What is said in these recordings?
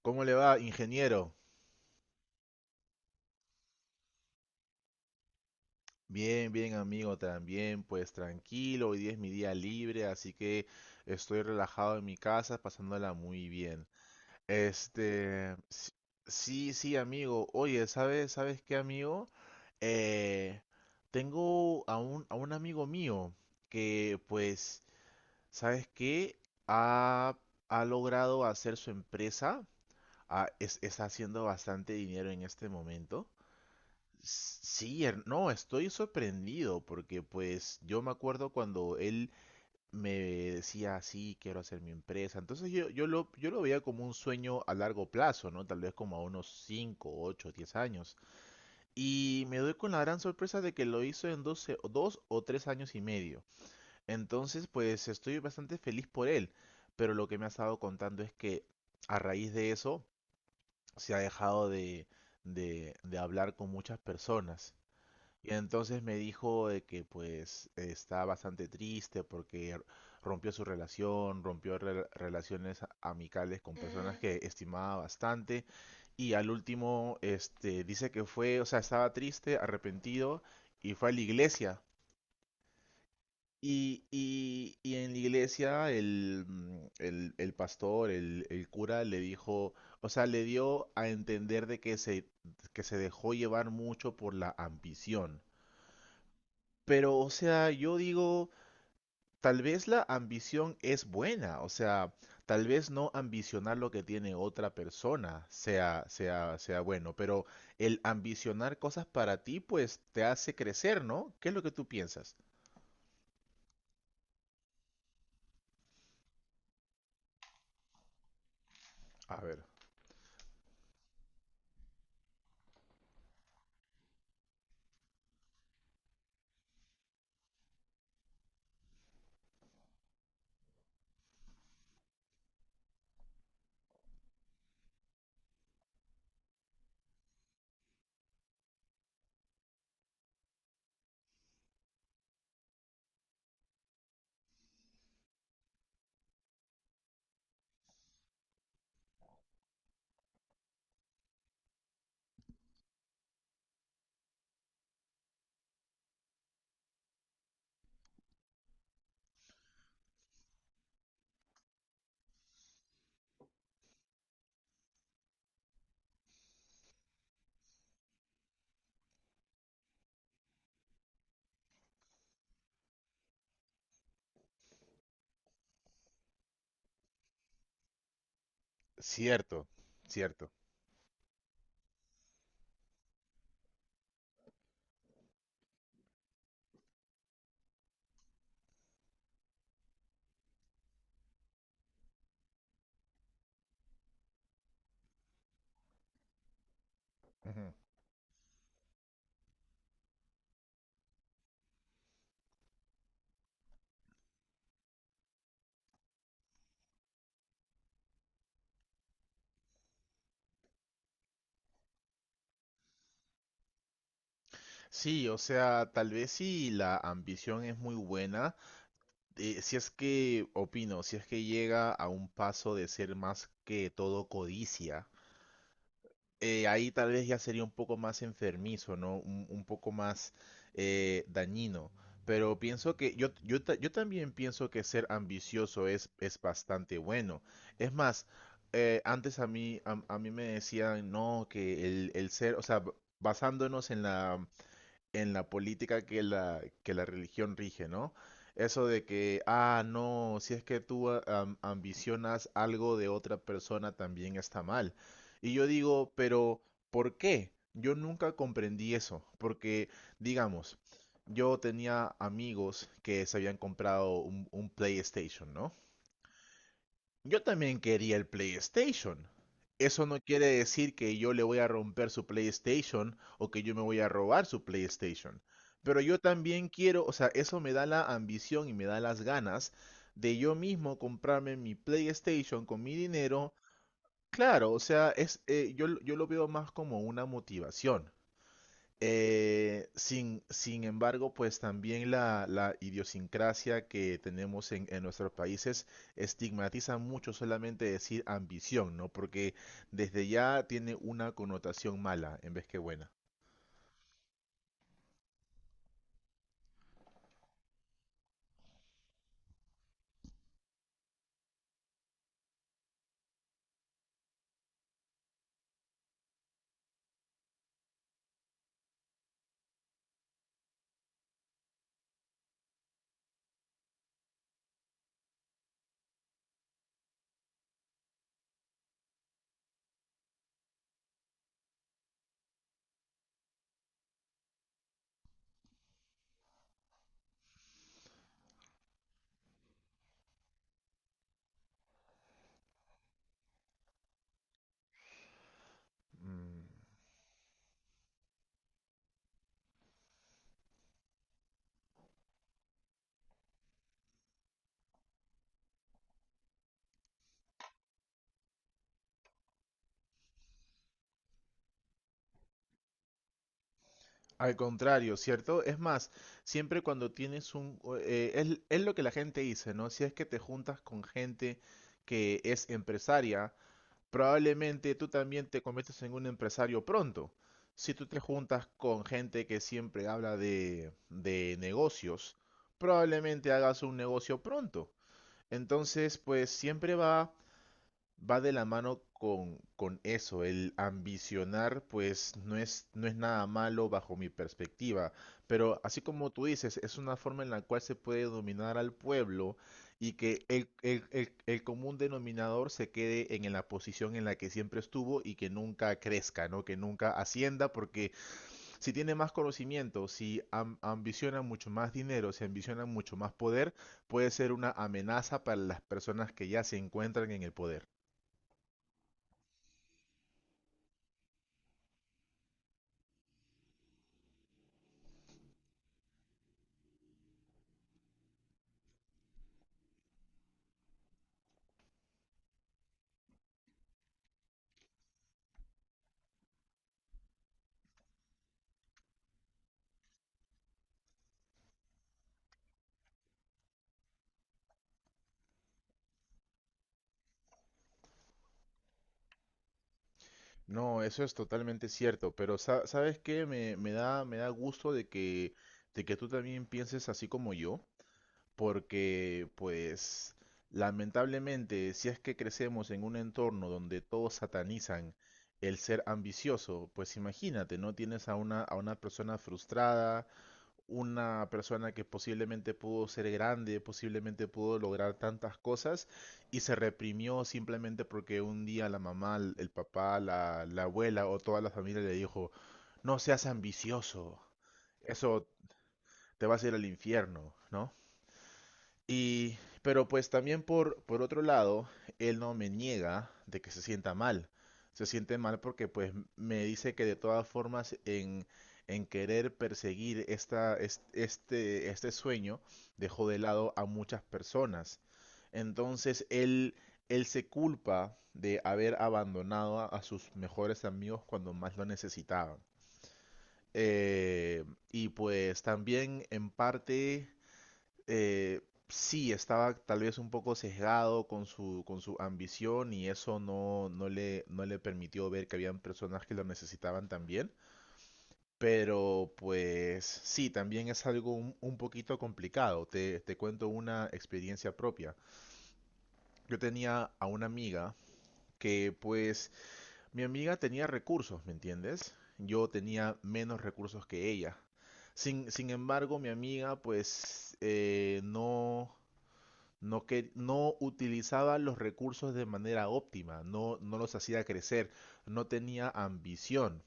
¿Cómo le va, ingeniero? Bien, bien, amigo, también, pues tranquilo, hoy día es mi día libre, así que estoy relajado en mi casa, pasándola muy bien. Este, s- sí, sí, amigo. Oye, ¿sabes qué, amigo? Eh, Tengo a un amigo mío que, pues, ¿sabes qué? Ha, ha logrado hacer su empresa. Está haciendo bastante dinero en este momento. Sí, no, estoy sorprendido porque pues yo me acuerdo cuando él me decía, sí, quiero hacer mi empresa. Entonces yo lo veía como un sueño a largo plazo, ¿no? Tal vez como a unos 5 8 10 años. Y me doy con la gran sorpresa de que lo hizo en 12 o 2 o 3 años y medio. Entonces pues estoy bastante feliz por él. Pero lo que me ha estado contando es que a raíz de eso se ha dejado de hablar con muchas personas. Y entonces me dijo de que pues está bastante triste porque rompió su relación, rompió relaciones amicales con personas que estimaba bastante, y al último dice que fue, o sea, estaba triste, arrepentido y fue a la iglesia. Y en la iglesia el pastor, el cura le dijo, o sea, le dio a entender de que que se dejó llevar mucho por la ambición, pero, o sea, yo digo, tal vez la ambición es buena, o sea, tal vez no ambicionar lo que tiene otra persona sea bueno, pero el ambicionar cosas para ti, pues te hace crecer, ¿no? ¿Qué es lo que tú piensas? A ver. Cierto, cierto. Ujú. Sí, o sea, tal vez si la ambición es muy buena. Opino, si es que llega a un paso de ser más que todo codicia. Ahí tal vez ya sería un poco más enfermizo, ¿no? Un poco más dañino. Pero pienso que yo también pienso que ser ambicioso es bastante bueno. Es más, antes a mí, a mí me decían, no, que el ser, o sea, basándonos en la política que la religión rige, ¿no? Eso de que, no, si es que tú ambicionas algo de otra persona también está mal. Y yo digo, pero ¿por qué? Yo nunca comprendí eso, porque, digamos, yo tenía amigos que se habían comprado un PlayStation, ¿no? Yo también quería el PlayStation. Eso no quiere decir que yo le voy a romper su PlayStation o que yo me voy a robar su PlayStation. Pero yo también quiero, o sea, eso me da la ambición y me da las ganas de yo mismo comprarme mi PlayStation con mi dinero. Claro, o sea, yo lo veo más como una motivación. Sin embargo, pues también la idiosincrasia que tenemos en nuestros países estigmatiza mucho solamente decir ambición, ¿no? Porque desde ya tiene una connotación mala en vez que buena. Mm. Al contrario, ¿cierto? Es más, siempre cuando tienes un, es lo que la gente dice, ¿no? Si es que te juntas con gente que es empresaria, probablemente tú también te conviertes en un empresario pronto. Si tú te juntas con gente que siempre habla de negocios, probablemente hagas un negocio pronto. Entonces, pues siempre va de la mano con eso, el ambicionar, pues no es nada malo bajo mi perspectiva, pero así como tú dices, es una forma en la cual se puede dominar al pueblo y que el común denominador se quede en la posición en la que siempre estuvo y que nunca crezca, ¿no? Que nunca ascienda, porque si tiene más conocimiento, si ambiciona mucho más dinero, si ambiciona mucho más poder, puede ser una amenaza para las personas que ya se encuentran en el poder. No, eso es totalmente cierto, pero ¿sabes qué? Me da gusto de que tú también pienses así como yo, porque pues lamentablemente si es que crecemos en un entorno donde todos satanizan el ser ambicioso, pues imagínate, ¿no? Tienes a una persona frustrada, una persona que posiblemente pudo ser grande, posiblemente pudo lograr tantas cosas y se reprimió simplemente porque un día la mamá, el papá, la abuela o toda la familia le dijo, no seas ambicioso, eso te vas a ir al infierno, ¿no? Y, pero pues también por, otro lado, él no me niega de que se sienta mal. Se siente mal porque pues me dice que de todas formas en, querer perseguir este sueño dejó de lado a muchas personas. Entonces él se culpa de haber abandonado a, sus mejores amigos cuando más lo necesitaban. Eh, y pues también en parte, eh, sí, estaba tal vez un poco sesgado con su, ambición y eso no le permitió ver que habían personas que lo necesitaban también. Pero pues sí, también es algo un poquito complicado. Te cuento una experiencia propia. Yo tenía a una amiga que pues mi amiga tenía recursos, ¿me entiendes? Yo tenía menos recursos que ella. Sin embargo, mi amiga pues no, no, que, no utilizaba los recursos de manera óptima, no, no los hacía crecer, no tenía ambición.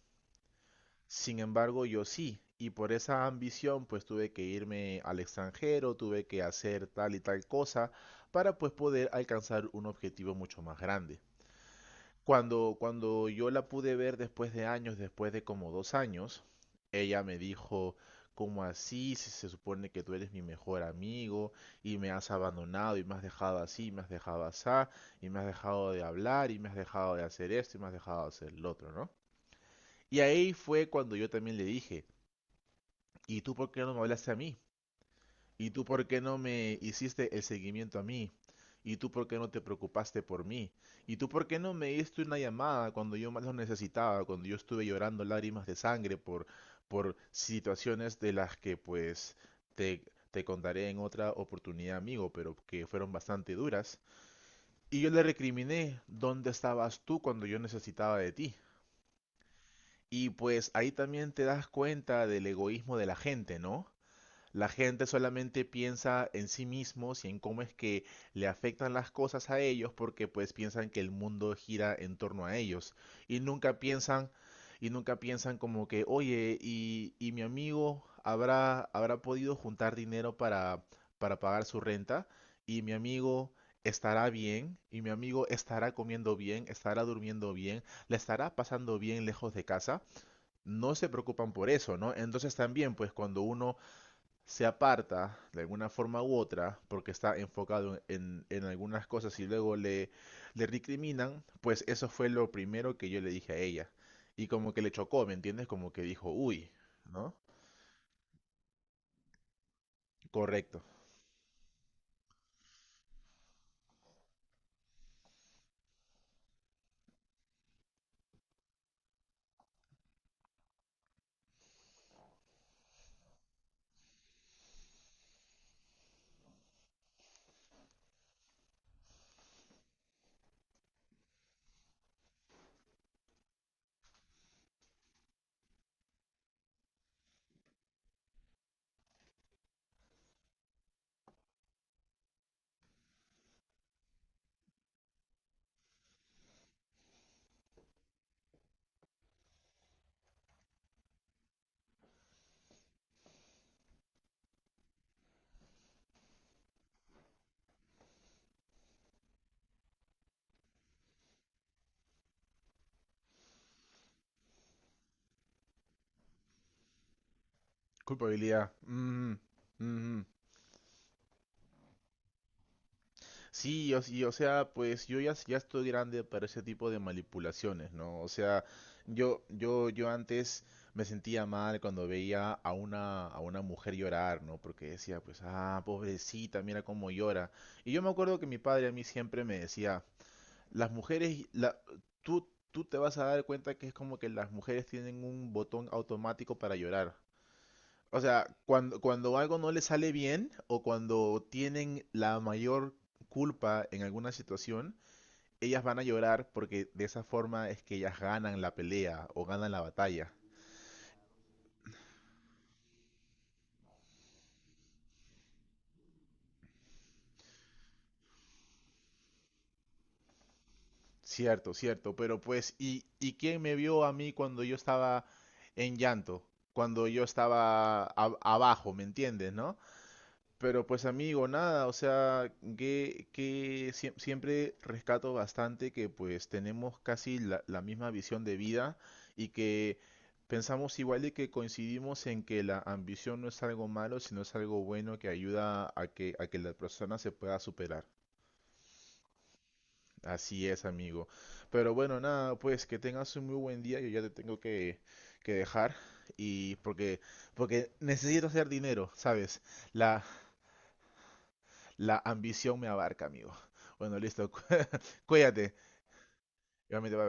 Sin embargo, yo sí, y por esa ambición pues tuve que irme al extranjero, tuve que hacer tal y tal cosa para pues poder alcanzar un objetivo mucho más grande. Cuando yo la pude ver después de años, después de como 2 años, ella me dijo, ¿cómo así? Si se supone que tú eres mi mejor amigo y me has abandonado y me has dejado así, y me has dejado asá, y me has dejado de hablar y me has dejado de hacer esto y me has dejado de hacer lo otro, ¿no? Y ahí fue cuando yo también le dije, ¿y tú por qué no me hablaste a mí? ¿Y tú por qué no me hiciste el seguimiento a mí? ¿Y tú por qué no te preocupaste por mí? ¿Y tú por qué no me diste una llamada cuando yo más lo necesitaba, cuando yo estuve llorando lágrimas de sangre por, situaciones de las que pues te, te contaré en otra oportunidad, amigo, pero que fueron bastante duras? Y yo le recriminé, ¿dónde estabas tú cuando yo necesitaba de ti? Y pues ahí también te das cuenta del egoísmo de la gente, ¿no? La gente solamente piensa en sí mismos y en cómo es que le afectan las cosas a ellos porque pues piensan que el mundo gira en torno a ellos y nunca piensan como que, oye, y mi amigo habrá podido juntar dinero para, pagar su renta y mi amigo estará bien y mi amigo estará comiendo bien, estará durmiendo bien, le estará pasando bien lejos de casa. No se preocupan por eso, ¿no? Entonces también pues cuando uno se aparta de alguna forma u otra porque está enfocado en, algunas cosas y luego le, recriminan, pues eso fue lo primero que yo le dije a ella. Y como que le chocó, ¿me entiendes? Como que dijo, uy, ¿no? Correcto. Culpabilidad. Mm, mhm. Sí, o sea, pues yo ya estoy grande para ese tipo de manipulaciones, ¿no? O sea, yo antes me sentía mal cuando veía a una, mujer llorar, ¿no? Porque decía, pues, ah, pobrecita, mira cómo llora. Y yo me acuerdo que mi padre a mí siempre me decía, las mujeres, tú te vas a dar cuenta que es como que las mujeres tienen un botón automático para llorar. O sea, cuando algo no les sale bien o cuando tienen la mayor culpa en alguna situación, ellas van a llorar porque de esa forma es que ellas ganan la pelea o ganan la batalla. Cierto, cierto, pero pues, ¿y quién me vio a mí cuando yo estaba en llanto? Cuando yo estaba abajo, ¿me entiendes, no? Pero pues amigo, nada, o sea, siempre rescato bastante que pues tenemos casi la misma visión de vida y que pensamos igual y que coincidimos en que la ambición no es algo malo, sino es algo bueno que ayuda a que la persona se pueda superar. Así es, amigo. Pero bueno, nada, pues que tengas un muy buen día, yo ya te tengo que dejar y porque necesito hacer dinero, ¿sabes? La, La ambición me abarca, amigo. Bueno, listo. Cuídate. Igualmente, bye, bye.